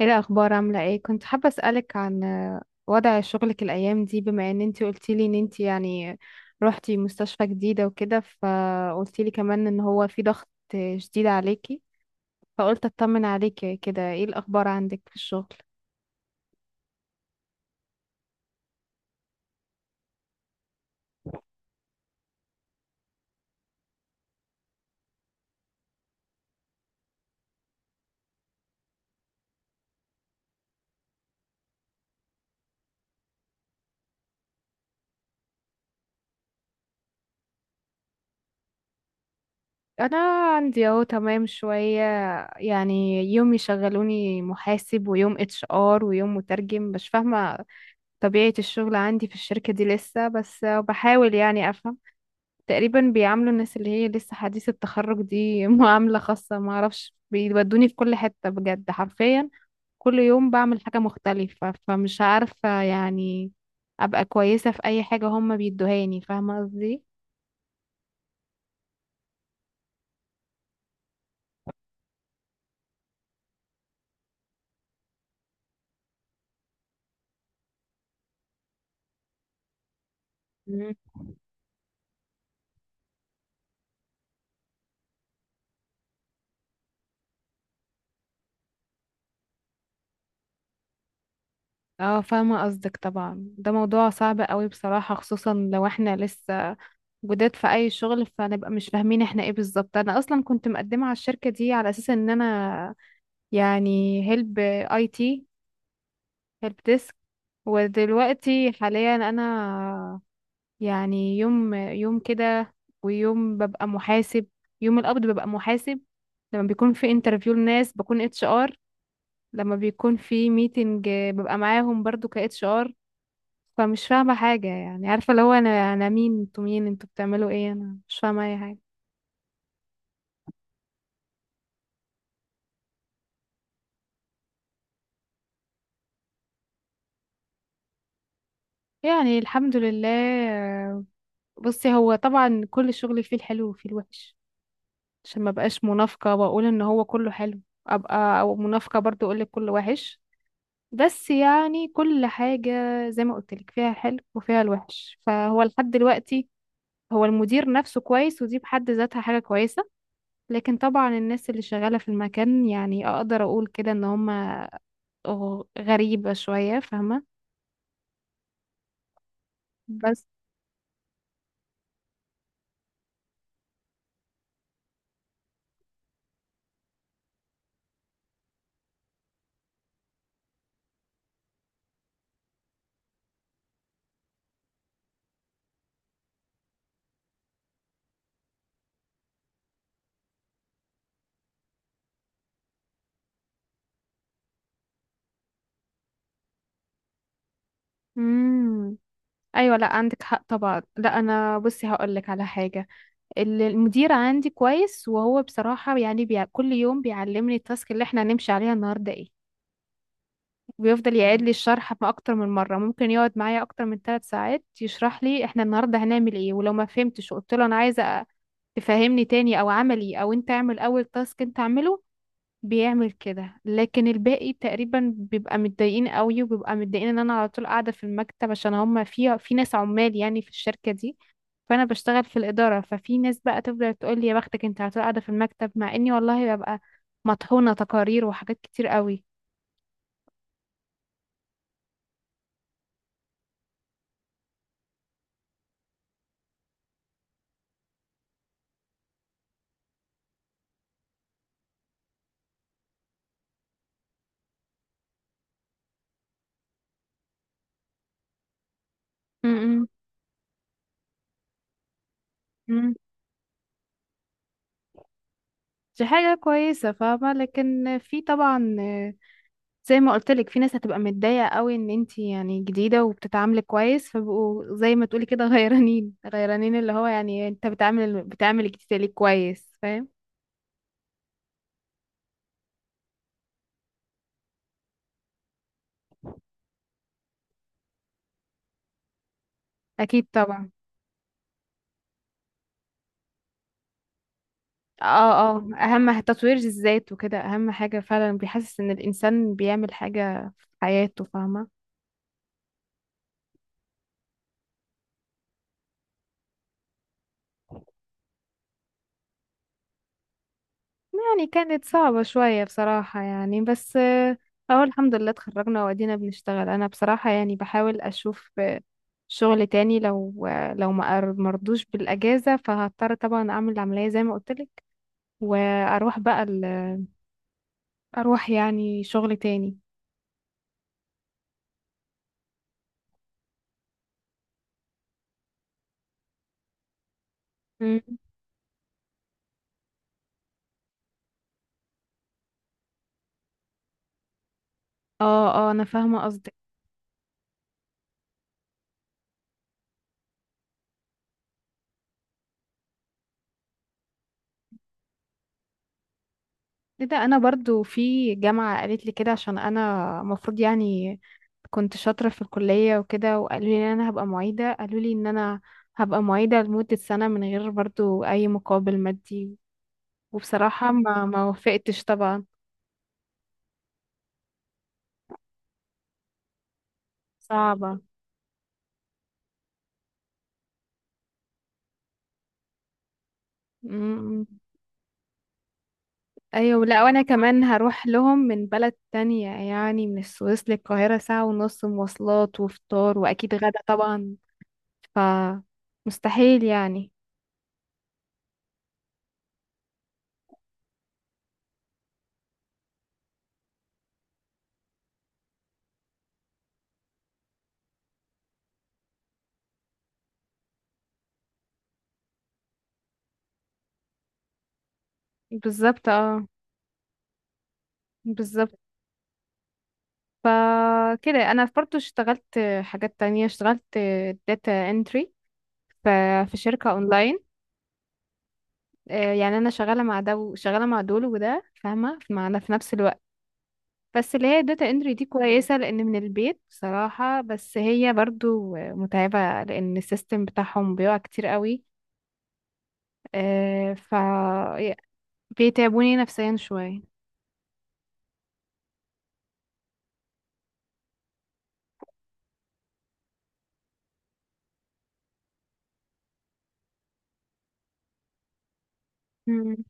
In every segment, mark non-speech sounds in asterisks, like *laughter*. ايه الاخبار؟ عامله ايه؟ كنت حابه اسالك عن وضع شغلك الايام دي، بما ان انتي قلتيلي ان انتي يعني روحتي مستشفى جديده وكده، فقلتيلي كمان ان هو في ضغط شديد عليكي. فقلت اطمن عليكي كده، ايه الاخبار عندك في الشغل؟ انا عندي اهو تمام شويه. يعني يوم يشغلوني محاسب ويوم اتش ار ويوم مترجم، مش فاهمه طبيعه الشغل عندي في الشركه دي لسه، بس بحاول يعني افهم. تقريبا بيعاملوا الناس اللي هي لسه حديث التخرج دي *laughs* معاملة خاصة، ما اعرفش، بيودوني في كل حتة بجد حرفيا. كل يوم بعمل حاجة مختلفة، فمش عارفة يعني ابقى كويسة في اي حاجة هما بيدوهاني، فاهمة قصدي؟ مم. اه، فاهمة قصدك طبعا. ده موضوع صعب قوي بصراحة، خصوصا لو احنا لسه جداد في اي شغل، فنبقى مش فاهمين احنا ايه بالظبط. انا اصلا كنت مقدمة على الشركة دي على اساس ان انا يعني هيلب اي تي، هيلب ديسك. ودلوقتي حاليا انا يعني يوم يوم كده، ويوم ببقى محاسب، يوم القبض ببقى محاسب. لما بيكون في انترفيو لناس بكون اتش ار، لما بيكون في ميتنج ببقى معاهم برضو ك اتش ار. فمش فاهمة حاجة، يعني عارفة اللي هو انا مين؟ انتوا مين؟ انتوا بتعملوا ايه؟ انا مش فاهمة اي حاجة. يعني الحمد لله. بصي هو طبعا كل شغل فيه الحلو وفيه الوحش، عشان ما بقاش منافقة واقول ان هو كله حلو، ابقى او منافقة برضو اقول لك كله وحش. بس يعني كل حاجة زي ما قلت لك فيها الحلو وفيها الوحش. فهو لحد دلوقتي هو المدير نفسه كويس، ودي بحد ذاتها حاجة كويسة. لكن طبعا الناس اللي شغالة في المكان يعني اقدر اقول كده ان هما غريبة شوية، فاهمة؟ بس، امم ايوه، لا عندك حق طبعا، لا انا بصي هقول لك على حاجة. المدير عندي كويس، وهو بصراحة يعني كل يوم بيعلمني التاسك اللي احنا هنمشي عليها النهاردة ايه، وبيفضل يعيد لي الشرح، ما أكتر من مرة ممكن يقعد معايا أكتر من 3 ساعات يشرح لي احنا النهاردة هنعمل ايه. ولو ما فهمتش وقلت له أنا عايزة تفهمني تاني، أو عملي، أو أنت اعمل أول تاسك أنت اعمله، بيعمل كده. لكن الباقي تقريبا بيبقى متضايقين قوي، وبيبقى متضايقين ان انا على طول قاعده في المكتب، عشان هم في ناس عمال يعني في الشركه دي. فانا بشتغل في الاداره، ففي ناس بقى تفضل تقول لي يا بختك انت على طول قاعده في المكتب، مع اني والله ببقى مطحونه تقارير وحاجات كتير قوي. م- م- م. دي حاجه كويسه، فاهمه؟ لكن في طبعا، زي ما قلت لك، في ناس هتبقى متضايقه قوي ان انت يعني جديده وبتتعاملي كويس، فبقوا زي ما تقولي كده *laughs* غيرانين غيرانين، اللي هو يعني انت بتعامل الجديده ليه كويس، فاهم؟ اكيد طبعا. اه، اه، اهم تطوير الذات وكده، اهم حاجه فعلا، بيحسس ان الانسان بيعمل حاجه في حياته، فاهمه؟ يعني كانت صعبه شويه بصراحه يعني، بس اهو الحمد لله اتخرجنا وادينا بنشتغل. انا بصراحه يعني بحاول اشوف شغل تاني، لو ما مرضوش بالاجازه، فهضطر طبعا اعمل العمليه زي ما قلتلك، واروح بقى اروح يعني شغل تاني. مم. اه، اه، انا فاهمه قصدك. ايه ده، انا برضو في جامعه قالت لي كده، عشان انا المفروض يعني كنت شاطره في الكليه وكده، وقالوا لي ان انا هبقى معيده. قالوا لي ان انا هبقى معيده لمده سنه من غير برضو اي مقابل مادي، وبصراحه ما وافقتش طبعا، صعبه. مم. ايوه، لا وانا كمان هروح لهم من بلد تانية، يعني من السويس للقاهرة، ساعة ونص مواصلات وفطار واكيد غدا طبعا، ف مستحيل يعني. بالظبط اه، بالظبط. ف كده انا برضو اشتغلت حاجات تانية، اشتغلت داتا انتري ف في شركة اونلاين. يعني انا شغالة مع ده وشغالة مع دول وده، فاهمة؟ مع في نفس الوقت. بس اللي هي الداتا انتري دي كويسة لأن من البيت بصراحة، بس هي برضو متعبة لأن السيستم بتاعهم بيقع كتير قوي. ف بيتعبوني نفسيا شوية. مم.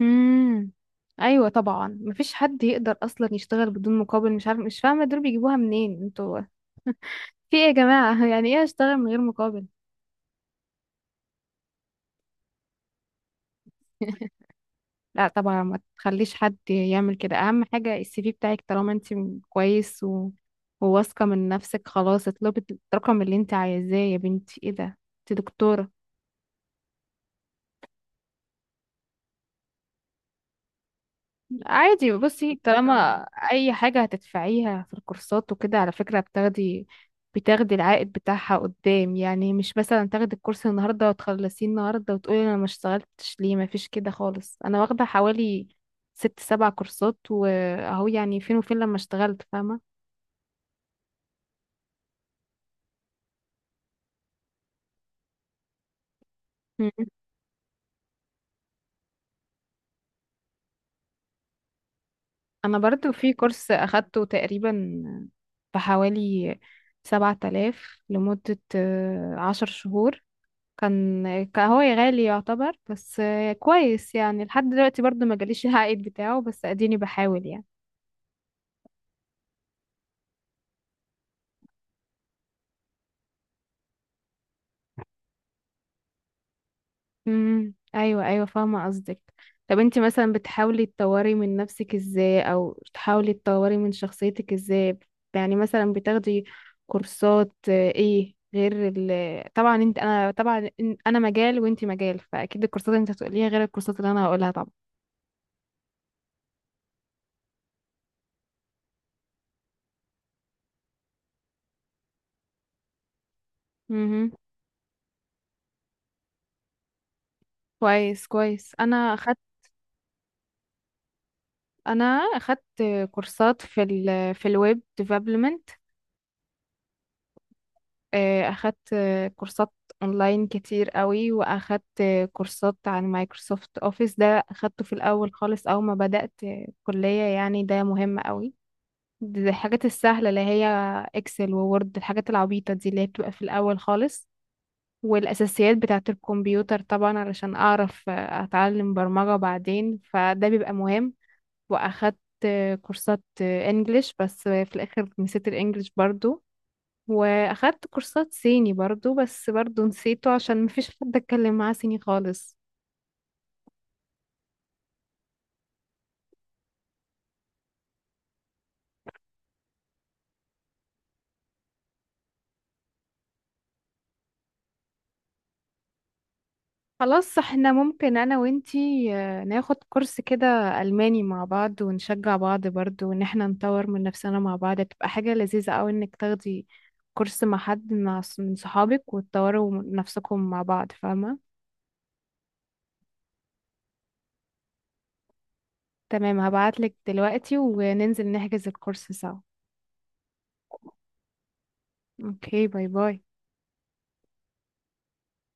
مم. أيوة طبعا، مفيش حد يقدر أصلا يشتغل بدون مقابل، مش عارف، مش فاهمة، دول بيجيبوها منين؟ انتوا في ايه يا جماعة؟ *laughs* يعني ايه أشتغل من غير مقابل؟ *laughs* لا طبعا، ما تخليش حد يعمل كده. اهم حاجة السي في بتاعك، طالما انت كويس و... وواثقة من نفسك، خلاص اطلبي الرقم اللي انت عايزاه. يا بنتي ايه ده، انت دكتورة. عادي بصي، طالما اي حاجة هتدفعيها في الكورسات وكده، على فكرة بتاخدي العائد بتاعها قدام، يعني مش مثلا تاخدي الكورس النهاردة وتخلصيه النهاردة وتقولي انا ما اشتغلتش ليه، ما فيش كده خالص. انا واخدة حوالي 6 7 كورسات، واهو يعني فين وفين لما اشتغلت، فاهمة؟ انا برضو في كورس اخدته تقريبا بحوالي 7000 لمدة 10 شهور. كان هو غالي يعتبر، بس كويس يعني، لحد دلوقتي برضو ما جاليش العائد بتاعه، بس اديني بحاول يعني. ايوه، ايوه، فاهمه قصدك. طب انت مثلا بتحاولي تطوري من نفسك ازاي، او تحاولي تطوري من شخصيتك ازاي؟ يعني مثلا بتاخدي كورسات ايه، غير ال، طبعا انت انا طبعا انا مجال وانت مجال، فاكيد الكورسات اللي انت هتقوليها غير الكورسات اللي انا هقولها طبعا. امم كويس، كويس. انا اخدت كورسات في الويب ديفلوبمنت، اخدت كورسات اونلاين كتير قوي، واخدت كورسات عن مايكروسوفت اوفيس. ده اخدته في الاول خالص، اول ما بدأت كلية، يعني ده مهم قوي. دي الحاجات السهلة اللي هي اكسل وورد، الحاجات العبيطة دي اللي هي بتبقى في الاول خالص، والاساسيات بتاعة الكمبيوتر طبعا علشان اعرف اتعلم برمجة بعدين، فده بيبقى مهم. واخدت كورسات انجليش، بس في الاخر نسيت الانجليش برضو، واخدت كورسات صيني برضو، بس برضو نسيته عشان مفيش حد اتكلم معاه صيني خالص. خلاص، احنا ممكن انا وانتي ناخد كورس كده الماني مع بعض، ونشجع بعض برضو، وان احنا نطور من نفسنا مع بعض، تبقى حاجة لذيذة اوي انك تاخدي كورس مع حد، مع من صحابك، وتطوروا من نفسكم مع بعض، فاهمة؟ تمام، هبعتلك دلوقتي وننزل نحجز الكورس سوا. اوكي، باي باي.